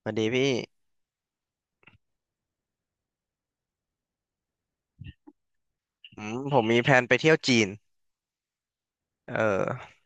สวัสดีพี่อืมผมมีแพลนไปเที่ยวจีนเออ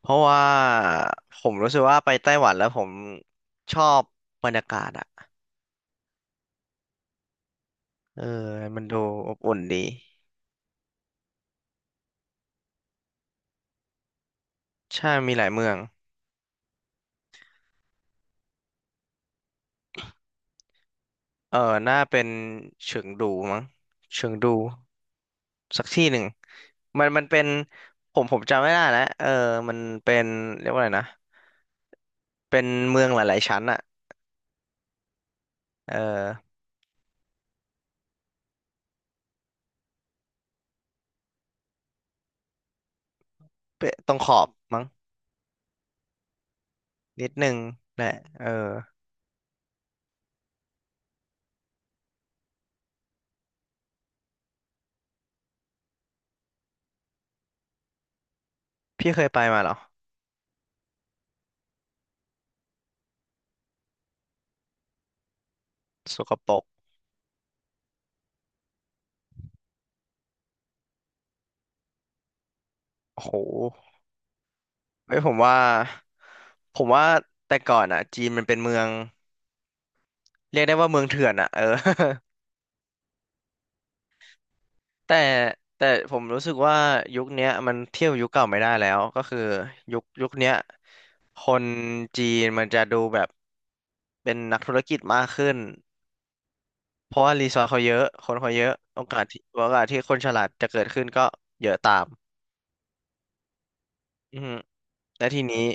เพราะว่าผมรู้สึกว่าไปไต้หวันแล้วผมชอบบรรยากาศอะเออมันดูอบอุ่นดีใช่มีหลายเมืองเออน่าเป็นเฉิงดูมั้งเฉิงดูสักที่หนึ่งมันเป็นผมจำไม่ได้แล้วเออมันเป็นเรียกว่าอะไรนะเป็นเมืองหลายๆชั้นอะเออเป็นตรงขอบมั้งนิดนึงแหละเออพี่เคยไปมาเหรอสกปรกโอ้โห เอ้ยผมว่าผมว่าแต่ก่อนอ่ะจีนมันเป็นเมืองเรียกได้ว่าเมืองเถื่อนอ่ะเออ แต่แต่ผมรู้สึกว่ายุคเนี้ยมันเทียบยุคเก่าไม่ได้แล้วก็คือยุคเนี้ยคนจีนมันจะดูแบบเป็นนักธุรกิจมากขึ้นเพราะว่ารีซอสเขาเยอะคนเขาเยอะโอกาสที่โอกาสที่คนฉลาดจะเกิดขึ้นก็เยอะตามอือฮึและทีนี้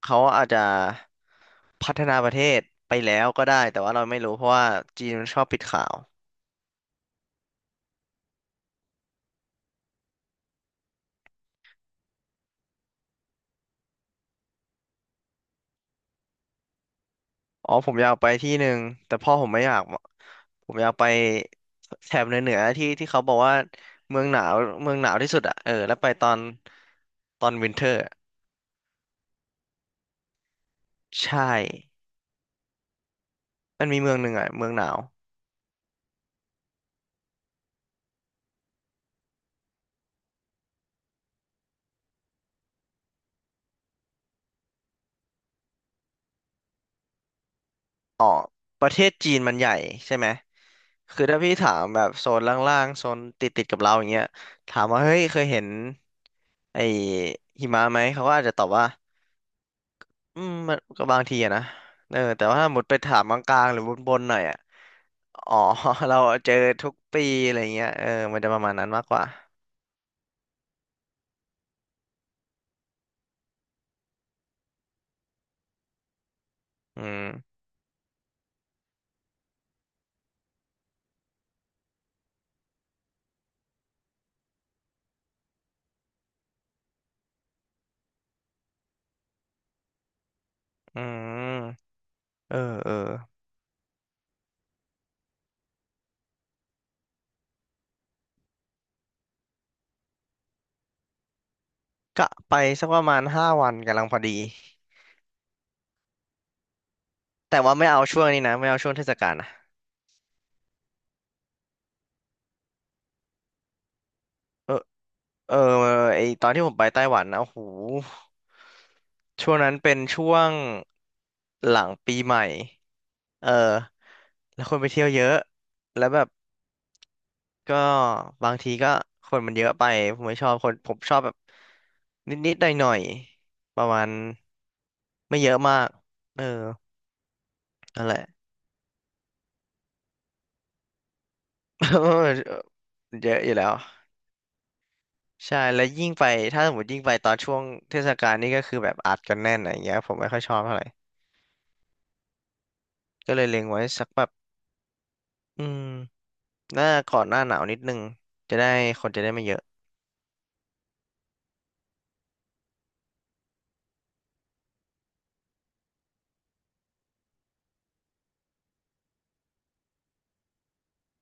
เขาอาจจะพัฒนาประเทศไปแล้วก็ได้แต่ว่าเราไม่รู้เพราะว่าจีนมันชอบปิดข่าว อ๋อผมอยากไปที่หนึ่งแต่พ่อผมไม่อยากผมอยากไปแถบเหนือเหนือที่ที่เขาบอกว่าเมืองหนาวเมืองหนาวที่สุดอ่ะเออแล้วไปตอนตอนวินเทอร์ใช่มันมีเมืองหนึ่งอ่ะเมืองหนาวอ๋อประเทศจีนมันใหญ่ใช่ไหมคือถ้าพี่ถามแบบโซนล่างๆโซนติดกับเราอย่างเงี้ยถามว่าเฮ้ยเคยเห็นไอ้หิมะไหมเขาก็อาจจะตอบว่าอืมมันก็บางทีอะนะเออแต่ว่าถ้าหมดไปถามกลางๆหรือบนๆหน่อยอะ อ๋อ เราเจอทุกปีอะไรเงี้ยเออมันจะประมาณนั้นมากกว่าอืมอืมเออเออก็ไปสักประมาณ5 วันกำลังพอดีแต่ว่าไม่เอาช่วงนี้นะไม่เอาช่วงเทศกาลนะเออเออไอตอนที่ผมไปไต้หวันนะโอ้โหช่วงนั้นเป็นช่วงหลังปีใหม่เออแล้วคนไปเที่ยวเยอะแล้วแบบ ก็บางทีก็คนมันเยอะไปผมไม่ชอบคนผมชอบแบบนิดๆหน่อยๆประมาณไม่เยอะมากเออนั่นแหละ เยอะอยู่แล้วใช่แล้วยิ่งไปถ้าสมมติยิ่งไปตอนช่วงเทศกาลนี่ก็คือแบบอัดกันแน่นอะไรอย่างเงี้ยผมไม่ค่อยชอบเท่าไหร่ก็เลยเล็งไว้สักแบบอืมหน้าก่อนหน้าหนาวนิดนึงจะได้คนจะได้ไม่เยอะ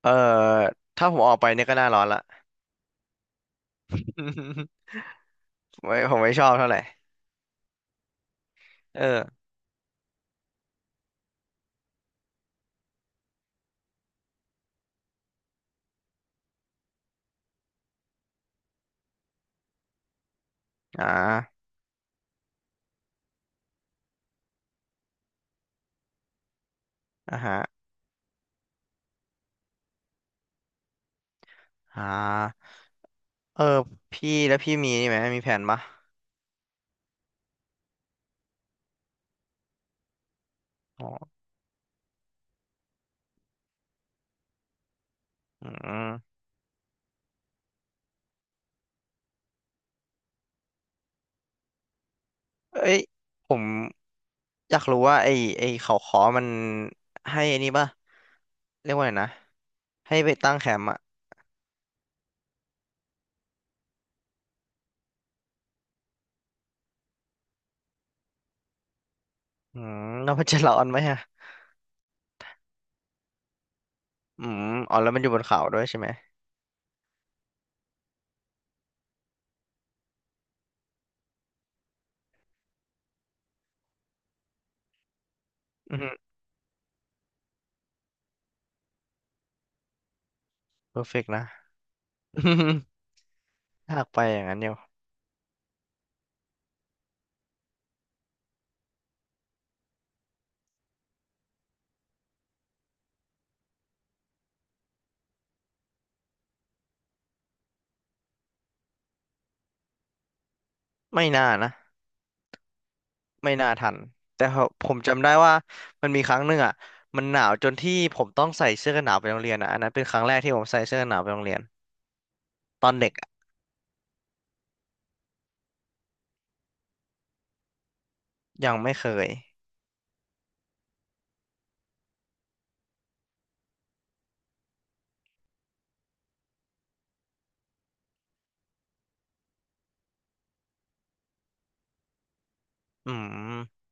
เออถ้าผมออกไปเนี่ยก็หน้าร้อนละ ผมไม่ชอบเท่าไหร่เอออ่าอ่าฮะ อ่าเออพี่แล้วพี่มีนี่ไหมมีแผนปะอ๋ออืมเอ้ยผมอยากรู้ว่าไอ้เขาขอมันให้อันนี้ปะเรียกว่าไงนะให้ไปตั้งแคมป์อ่ะอืม แล้วมันจะร้อนไหมอะอืมอ๋อแล้วมันอยู่บนเขาด้วยใช่ไหมอืมเพอร์เฟกนะ อมอยากไปอย่างนั้นเดียวไม่น่านะไม่น่าทันแต่ผมจำได้ว่ามันมีครั้งหนึ่งอ่ะมันหนาวจนที่ผมต้องใส่เสื้อกันหนาวไปโรงเรียนอ่ะอันนั้นเป็นครั้งแรกที่ผมใส่เสื้อกันหนาวไปโรงเรียน ตอนเด็กอะยังไม่เคยอืม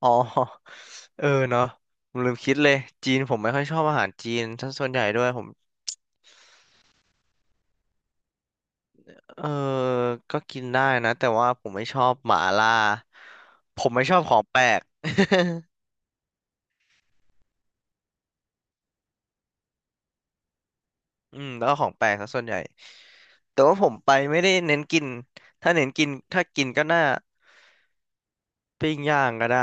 อ๋อ เออเนาะผมลืมคิดเลยจีนผมไม่ค่อยชอบอาหารจีนซะส่วนใหญ่ด้วยผมเออก็กินได้นะแต่ว่าผมไม่ชอบหม่าล่าผมไม่ชอบของแปลก อืมแล้วก็ของแปลกซะส่วนใหญ่แต่ว่าผมไปไม่ได้เน้นกินถ้าเน้นกินถ้ากินก็น่าปิ้งย่างก็ได้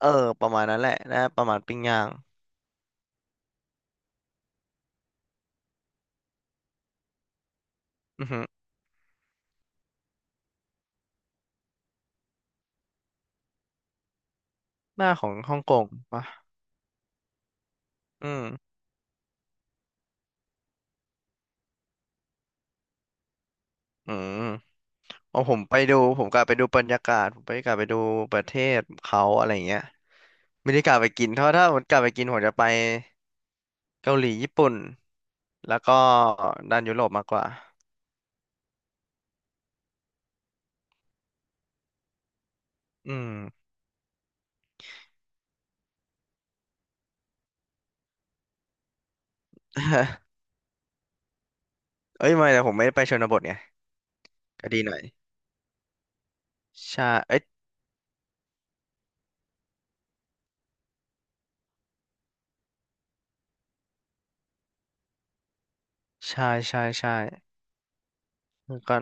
เออประมาณนั้นแหละนะประมาณปิ้งย่างอือฮึหน้าของฮ่องกงปะอืม อืมเอาผมไปดูผมกลับไปดูบรรยากาศผมไปกลับไปดูประเทศเขาอะไรเงี้ยไม่ได้กลับไปกินเพราะถ้าผมกลับไปกินผมจะไปเกาหลีญี่ปุ่นแล้วก็ด้านยุโรปมากกว่าอืม เอ้ยไม่แต่ผมไม่ได้ไปชนบทไงก็ดีหน่อยใช่เอ้ยใช่แล้วก็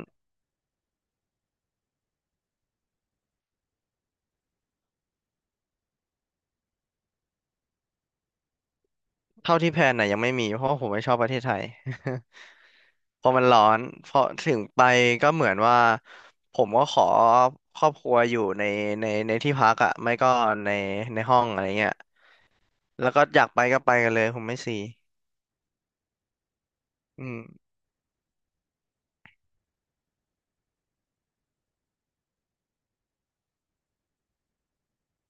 เท่าที่แพลนน่ะยังไม่มีเพราะว่าผมไม่ชอบประเทศไทย พอมันร้อนพอถึงไปก็เหมือนว่าผมก็ขอครอบครัวอยู่ในในที่พักอ่ะไม่ก็ในในห้องอะไรเงี้ยแล้วก็อยากไปก็ไปกันเลยผมไม่ซีอืม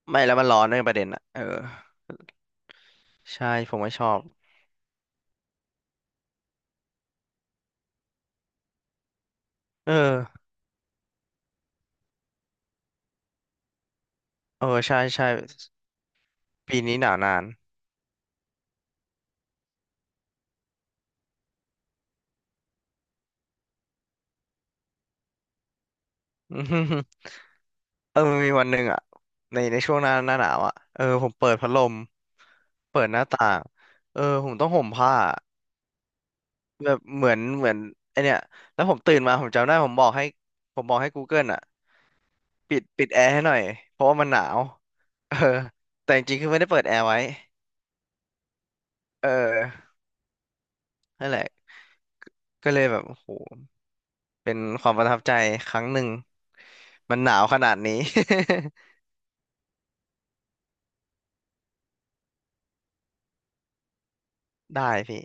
ไม่แล้วมันร้อนด้วยประเด็นอ่ะเออใช่ผมไม่ชอบเออเออใช่ใช่ปีนี้หนาวนาน อืมเออมันมีวันหนึ่งอ่ะในช่วงหน้าหนาวอ่ะเออผมเปิดพัดลมเปิดหน้าต่างเออผมต้องห่มผ้า แบบเหมือนไอเนี่ยแล้วผมตื่นมาผมจำได้ผมบอกให้ Google อ่ะปิดแอร์ให้หน่อยเพราะว่ามันหนาวเออแต่จริงๆคือไม่ได้เปิดแอร์ไว้เออนั่นแหละก็เลยแบบโอ้โหเป็นความประทับใจครั้งหนึ่งมันหนาวขนาดนี้ ได้พี่